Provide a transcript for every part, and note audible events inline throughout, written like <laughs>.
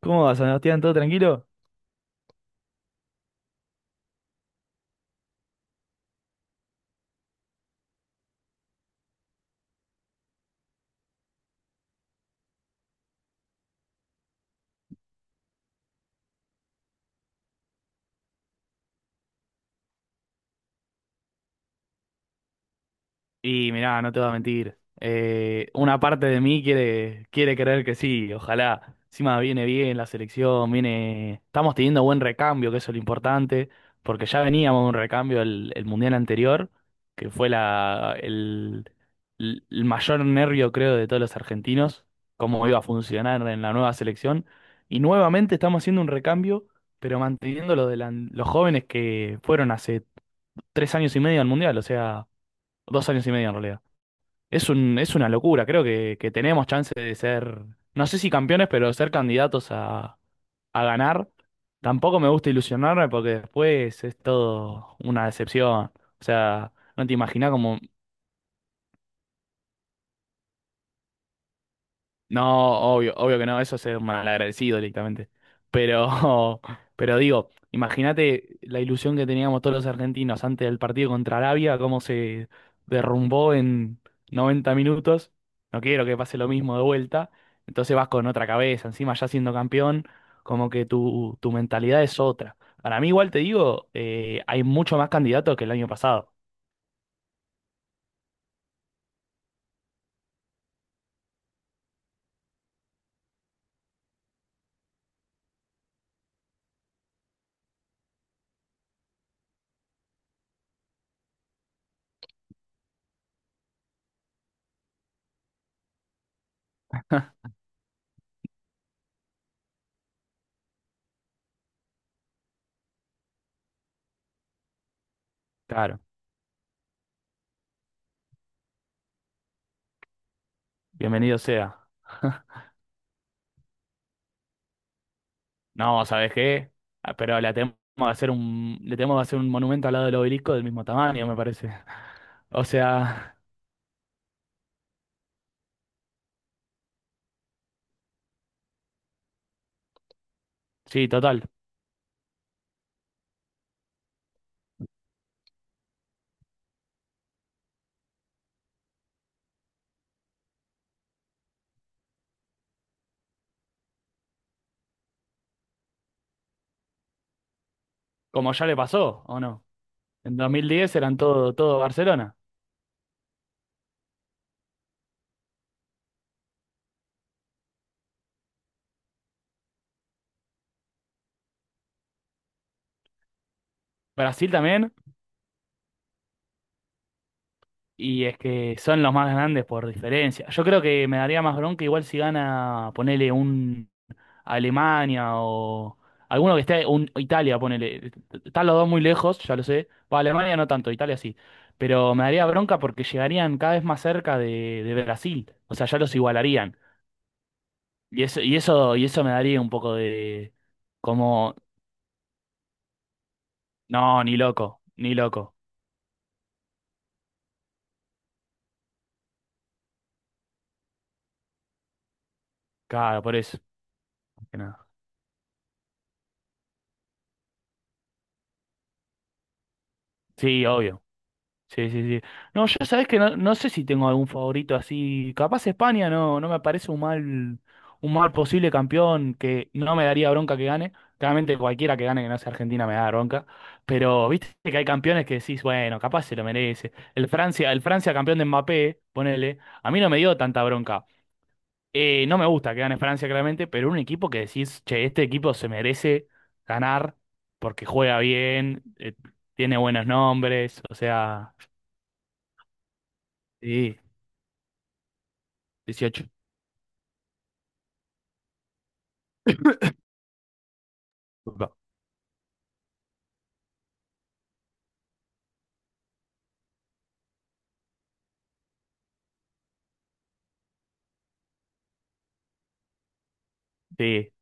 ¿Cómo va, Sebastián? ¿Todo tranquilo? Y mirá, no te voy a mentir. Una parte de mí quiere creer que sí, ojalá. Encima viene bien la selección, viene. Estamos teniendo buen recambio, que eso es lo importante, porque ya veníamos de un recambio el mundial anterior, que fue la, el mayor nervio, creo, de todos los argentinos, cómo iba a funcionar en la nueva selección. Y nuevamente estamos haciendo un recambio, pero manteniendo lo de los jóvenes que fueron hace tres años y medio al mundial, o sea, dos años y medio en realidad. Es es una locura, creo que tenemos chance de ser, no sé si campeones, pero ser candidatos a ganar. Tampoco me gusta ilusionarme porque después es todo una decepción. O sea, no te imaginas cómo. No, obvio, obvio que no, eso es ser malagradecido directamente. Pero, <laughs> pero digo, imagínate la ilusión que teníamos todos los argentinos antes del partido contra Arabia, cómo se derrumbó en 90 minutos. No quiero que pase lo mismo de vuelta. Entonces vas con otra cabeza, encima ya siendo campeón, como que tu mentalidad es otra. Para mí, igual te digo, hay mucho más candidatos que el año pasado. <laughs> Claro, bienvenido sea. No, ¿sabes qué? Ah, pero le tenemos que hacer le tenemos que hacer un monumento al lado del obelisco del mismo tamaño, me parece. O sea, sí, total. Como ya le pasó, ¿o no? En dos mil diez eran todo, todo Barcelona. Brasil también, y es que son los más grandes por diferencia. Yo creo que me daría más bronca igual si gana, ponele un Alemania o alguno que esté, un, Italia, ponele. Están los dos muy lejos, ya lo sé. Para Alemania no tanto, Italia sí. Pero me daría bronca porque llegarían cada vez más cerca de Brasil. O sea, ya los igualarían. Y eso, y eso, y eso me daría un poco de como, no, ni loco, ni loco. Claro, por eso. Más que nada. Sí, obvio. Sí, sí, sí. No, yo sabés que no, no sé si tengo algún favorito así. Capaz España no, no me parece un mal posible campeón que no me daría bronca que gane. Claramente cualquiera que gane que no sea Argentina me da bronca. Pero viste que hay campeones que decís, bueno, capaz se lo merece. El Francia campeón de Mbappé, ponele, a mí no me dio tanta bronca. No me gusta que gane Francia, claramente, pero un equipo que decís, che, este equipo se merece ganar porque juega bien, tiene buenos nombres, o sea. Sí, 18. Upa. Sí,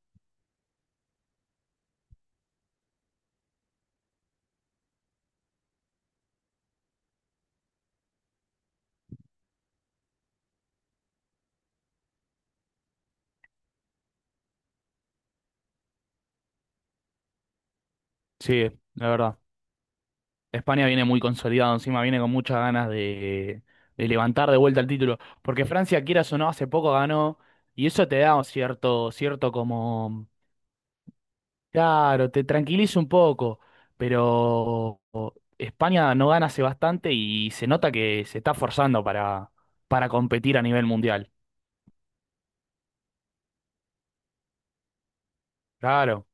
sí, la verdad. España viene muy consolidado, encima viene con muchas ganas de levantar de vuelta el título. Porque Francia, quieras o no, hace poco ganó y eso te da un cierto, cierto como... Claro, te tranquiliza un poco, pero España no gana hace bastante y se nota que se está forzando para competir a nivel mundial. Claro,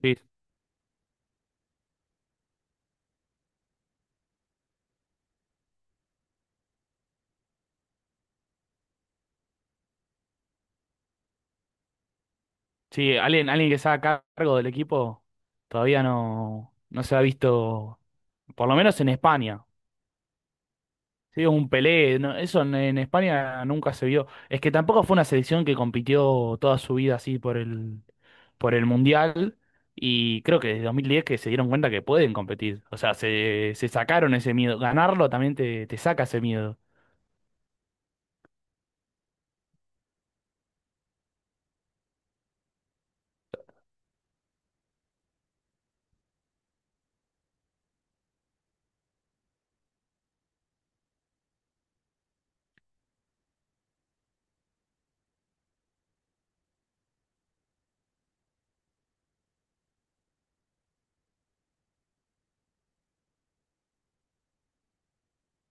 sí. Sí, alguien, alguien que está a cargo del equipo todavía no, no se ha visto, por lo menos en España. Sí, un Pelé, no, eso en España nunca se vio. Es que tampoco fue una selección que compitió toda su vida así por el Mundial. Y creo que desde 2010 que se dieron cuenta que pueden competir. O sea, se sacaron ese miedo. Ganarlo también te saca ese miedo.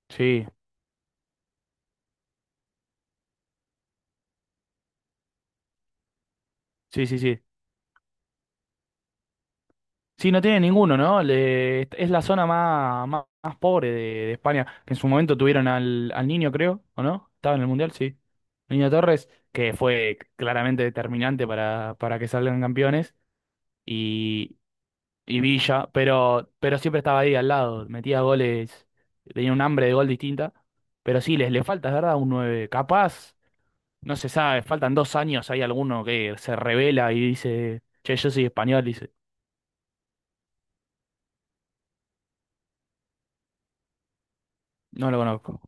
Sí, sí, sí, sí. Sí, no tiene ninguno, ¿no? Le- es la zona más, más, más pobre de España, que en su momento tuvieron al, al niño, creo, ¿o no? Estaba en el Mundial, sí. Niño Torres, que fue claramente determinante para que salgan campeones, y, y Villa, pero siempre estaba ahí al lado, metía goles, tenía un hambre de gol distinta, pero sí, les le falta, es verdad, un nueve. Capaz, no se sabe, faltan dos años, hay alguno que se revela y dice, che, yo soy español, dice, no lo conozco.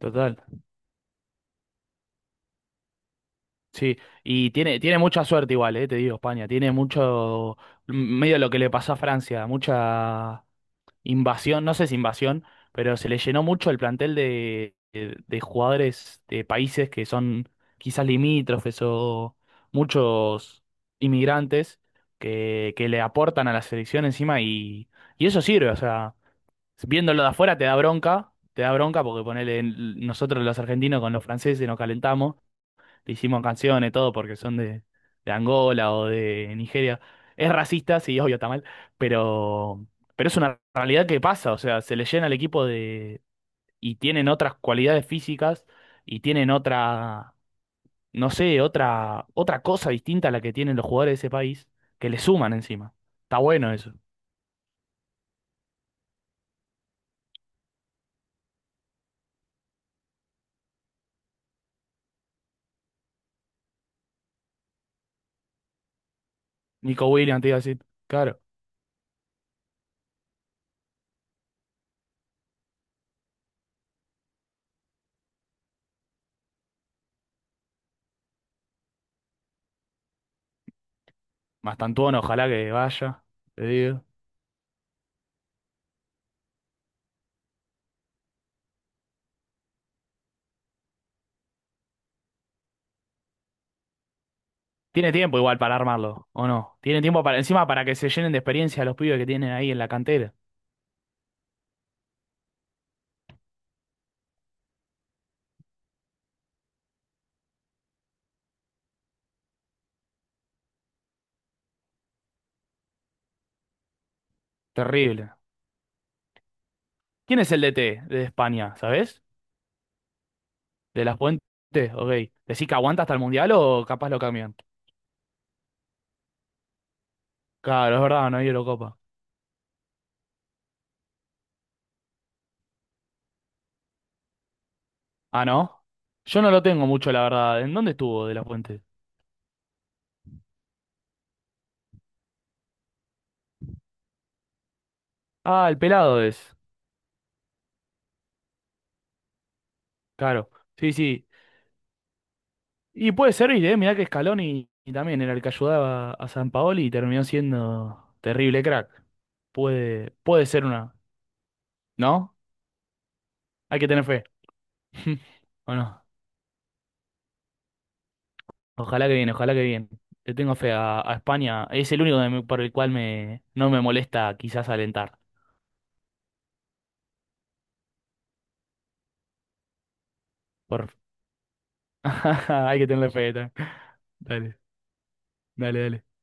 Total. Sí, y tiene, tiene mucha suerte igual, te digo, España. Tiene mucho, medio lo que le pasó a Francia, mucha invasión, no sé si invasión, pero se le llenó mucho el plantel de jugadores de países que son quizás limítrofes o muchos inmigrantes que le aportan a la selección encima y eso sirve, o sea, viéndolo de afuera te da bronca porque ponele, nosotros los argentinos con los franceses nos calentamos, le hicimos canciones, todo, porque son de Angola o de Nigeria. Es racista, sí, obvio, está mal, pero, pero es una realidad que pasa, o sea, se le llena el equipo de... y tienen otras cualidades físicas y tienen otra, no sé, otra, otra cosa distinta a la que tienen los jugadores de ese país, que le suman encima. Está bueno eso. Nico Williams, te iba a decir, claro, más Mastantuono, ojalá que vaya, te digo. Tiene tiempo igual para armarlo, ¿o no? Tiene tiempo para, encima para que se llenen de experiencia los pibes que tienen ahí en la cantera. Terrible. ¿Quién es el DT de España, sabes? De las Puentes, ok. ¿Decís que aguanta hasta el Mundial o capaz lo cambian? Claro, es verdad, no hay Eurocopa. Ah, ¿no? Yo no lo tengo mucho, la verdad. ¿En dónde estuvo de las Puentes? Ah, el pelado es. Claro. Sí, sí. Y puede servir, ¿eh? Mirá que Scaloni y también era el que ayudaba a San Paoli y terminó siendo terrible crack. Puede, puede ser una, ¿no? Hay que tener fe. <laughs> Bueno, ojalá que bien, ojalá que bien. Le tengo fe a España. Es el único que me- por el cual me, no me molesta quizás alentar. Por... <laughs> Hay que tenerle fe. Ta. Dale, dale, dale.